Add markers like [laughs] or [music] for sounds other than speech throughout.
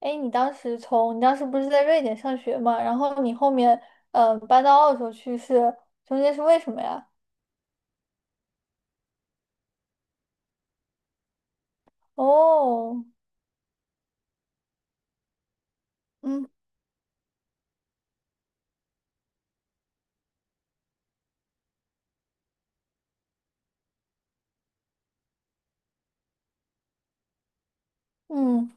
哎，你当时不是在瑞典上学嘛？然后你后面搬到澳洲去，中间是为什么呀？哦，嗯嗯，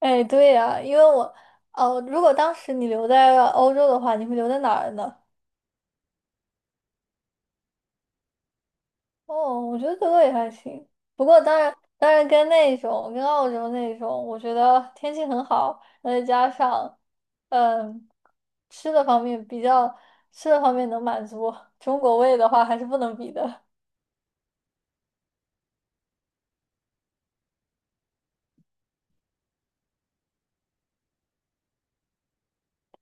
哎，对呀，因为我哦，如果当时你留在欧洲的话，你会留在哪儿呢？哦，我觉得德国也还行，不过当然跟那种跟澳洲那种，我觉得天气很好，然后再加上嗯吃的方面比较吃的方面能满足中国胃的话，还是不能比的。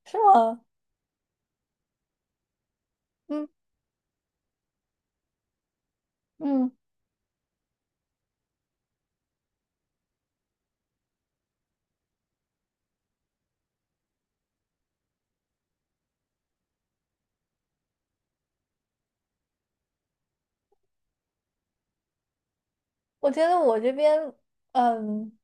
是吗？嗯嗯，我觉得我这边，嗯，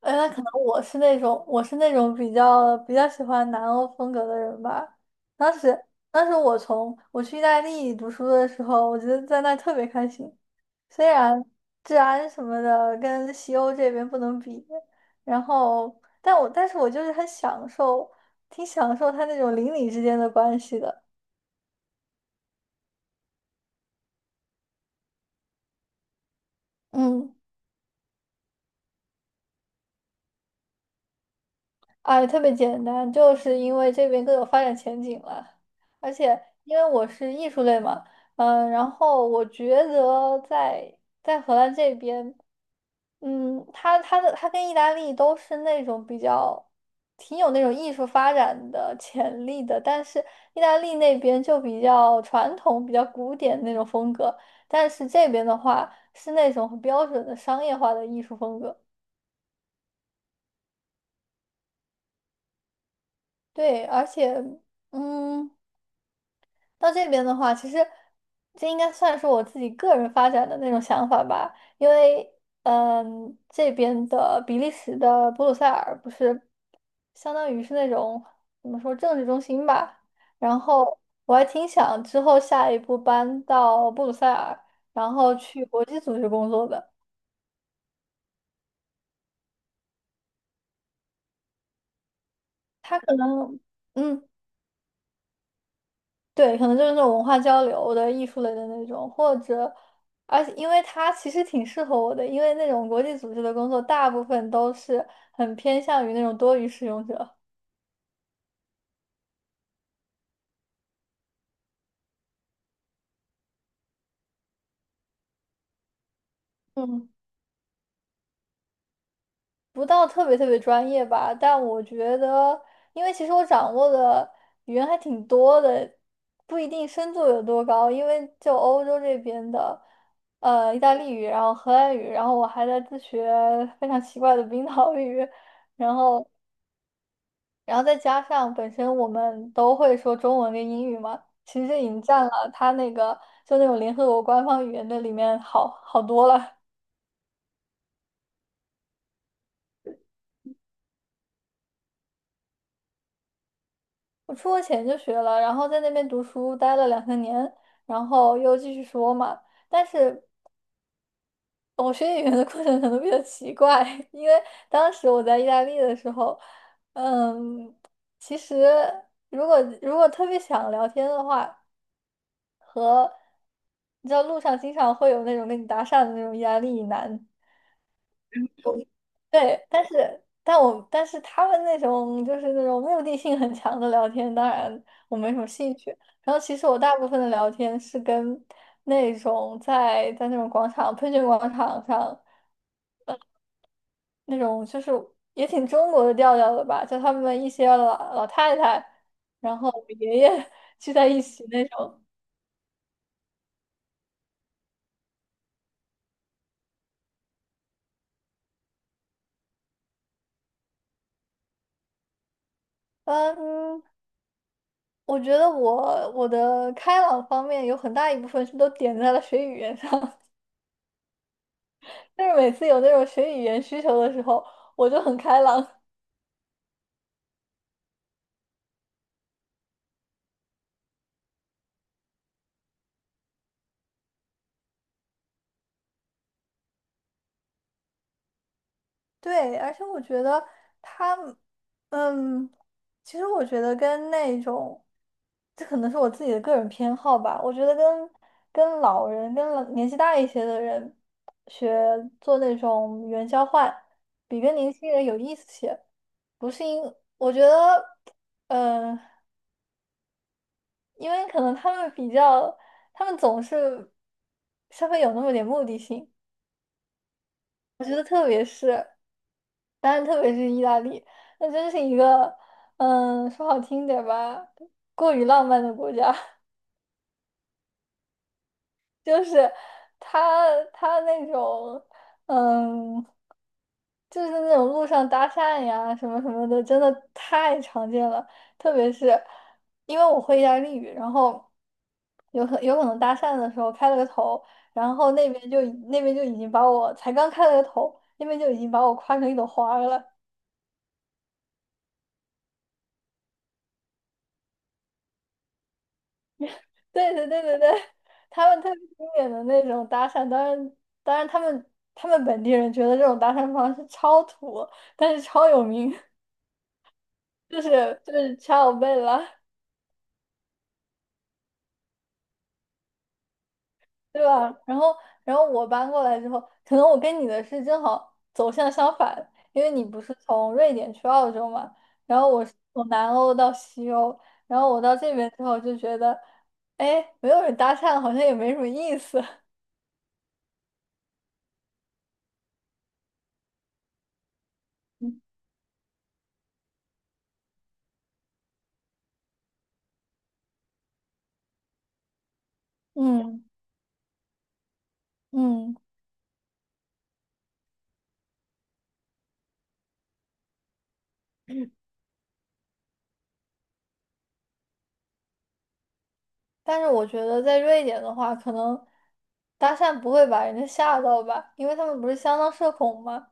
那可能我是那种比较喜欢南欧风格的人吧。当时当时我去意大利读书的时候，我觉得在那特别开心，虽然治安什么的跟西欧这边不能比，然后但是我就是很享受，挺享受他那种邻里之间的关系的。嗯。哎，特别简单，就是因为这边更有发展前景了，而且因为我是艺术类嘛，然后我觉得在荷兰这边，它跟意大利都是那种比较挺有那种艺术发展的潜力的，但是意大利那边就比较传统、比较古典那种风格，但是这边的话是那种很标准的商业化的艺术风格，对，而且。嗯，到这边的话，其实这应该算是我自己个人发展的那种想法吧，因为这边的比利时的布鲁塞尔不是相当于是那种怎么说政治中心吧，然后我还挺想之后下一步搬到布鲁塞尔，然后去国际组织工作的。他可能嗯。对，可能就是那种文化交流的艺术类的那种，或者，而且因为它其实挺适合我的，因为那种国际组织的工作大部分都是很偏向于那种多语使用者，嗯不到特别特别专业吧。但我觉得，因为其实我掌握的语言还挺多的，不一定深度有多高，因为就欧洲这边的，意大利语，然后荷兰语，然后我还在自学非常奇怪的冰岛语，然后。然后再加上本身我们都会说中文跟英语嘛，其实这已经占了他那个就那种联合国官方语言的里面好好多了。我出国前就学了，然后在那边读书待了两三年，然后又继续说嘛。但是我学语言的过程可能比较奇怪，[laughs] 因为当时我在意大利的时候，其实如果特别想聊天的话，和你知道路上经常会有那种跟你搭讪的那种意大利男。对，但是他们那种就是那种目的性很强的聊天，当然我没什么兴趣。然后其实我大部分的聊天是跟那种在那种喷泉广场上那种就是也挺中国的调调的吧，就他们一些老太太，然后爷爷 [laughs] 聚在一起那种。嗯，我觉得我的开朗方面有很大一部分是都点在了学语言上。但是每次有那种学语言需求的时候，我就很开朗。[laughs] 对，而且我觉得他，嗯，其实我觉得跟那种，这可能是我自己的个人偏好吧。我觉得跟老人、跟老年纪大一些的人学做那种语言交换，比跟年轻人有意思些。不是因，我觉得，嗯、呃因为可能他们比较，他们总是稍微有那么点目的性。我觉得特别是，当然特别是意大利，那真是一个，说好听点吧，过于浪漫的国家。[laughs] 就是他他那种，嗯，就是那种路上搭讪呀什么什么的，真的太常见了。特别是因为我会意大利语，然后有可能搭讪的时候开了个头，然后那边就已经把我才刚开了个头，那边就已经把我夸成一朵花儿了。[laughs] 对对对对对，他们特别经典的那种搭讪，当然他们本地人觉得这种搭讪方式超土，但是超有名，就是掐我背了，对吧？然后我搬过来之后，可能我跟你的是正好走向相反，因为你不是从瑞典去澳洲嘛，然后我是从南欧到西欧，然后我到这边之后就觉得，哎，没有人搭讪好像也没什么意思，[laughs] 嗯嗯。但是我觉得在瑞典的话，可能搭讪不会把人家吓到吧，因为他们不是相当社恐吗？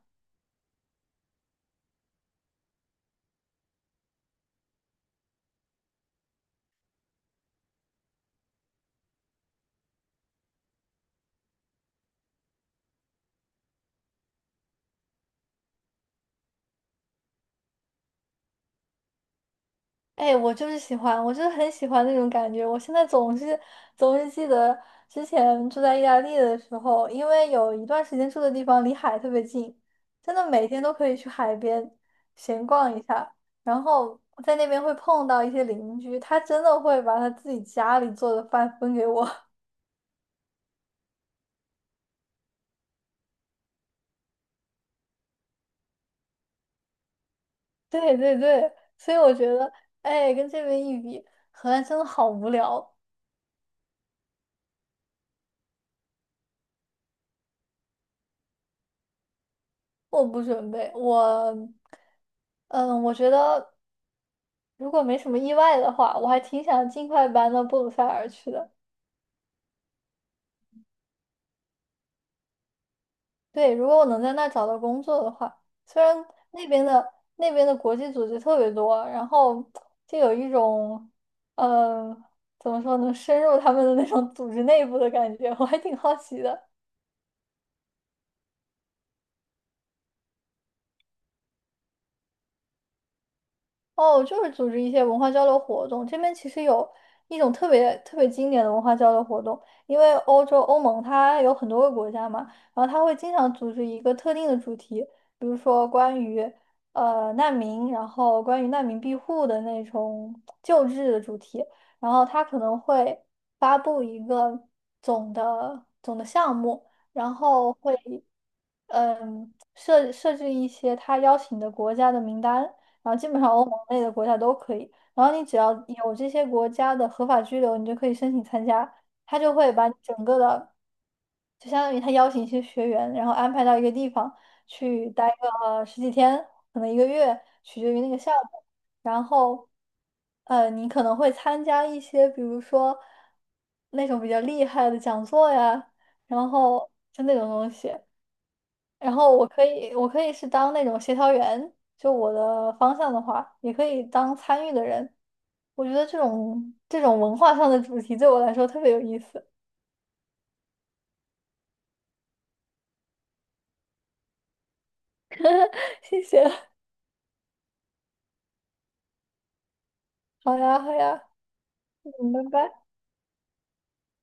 哎，我就是喜欢，我就是很喜欢那种感觉。我现在总是记得之前住在意大利的时候，因为有一段时间住的地方离海特别近，真的每天都可以去海边闲逛一下，然后在那边会碰到一些邻居，他真的会把他自己家里做的饭分给我。[laughs] 对对对，所以我觉得，哎，跟这边一比，荷兰真的好无聊。我不准备，我，嗯，我觉得如果没什么意外的话，我还挺想尽快搬到布鲁塞尔去的。对，如果我能在那儿找到工作的话，虽然那边的国际组织特别多，然后就有一种，嗯，怎么说呢，深入他们的那种组织内部的感觉，我还挺好奇的。哦，就是组织一些文化交流活动。这边其实有一种特别特别经典的文化交流活动，因为欧洲欧盟它有很多个国家嘛，然后它会经常组织一个特定的主题，比如说关于难民，然后关于难民庇护的那种救治的主题，然后他可能会发布一个总的项目，然后会设置一些他邀请的国家的名单。然后基本上欧盟内的国家都可以。然后你只要有这些国家的合法居留，你就可以申请参加。他就会把你整个的，就相当于他邀请一些学员，然后安排到一个地方去待个10几天，可能1个月，取决于那个项目。然后，你可能会参加一些，比如说那种比较厉害的讲座呀，然后就那种东西。然后我可以，我可以是当那种协调员，就我的方向的话，也可以当参与的人。我觉得这种文化上的主题对我来说特别有意思。[laughs] 谢谢。好呀，好呀，嗯，拜拜。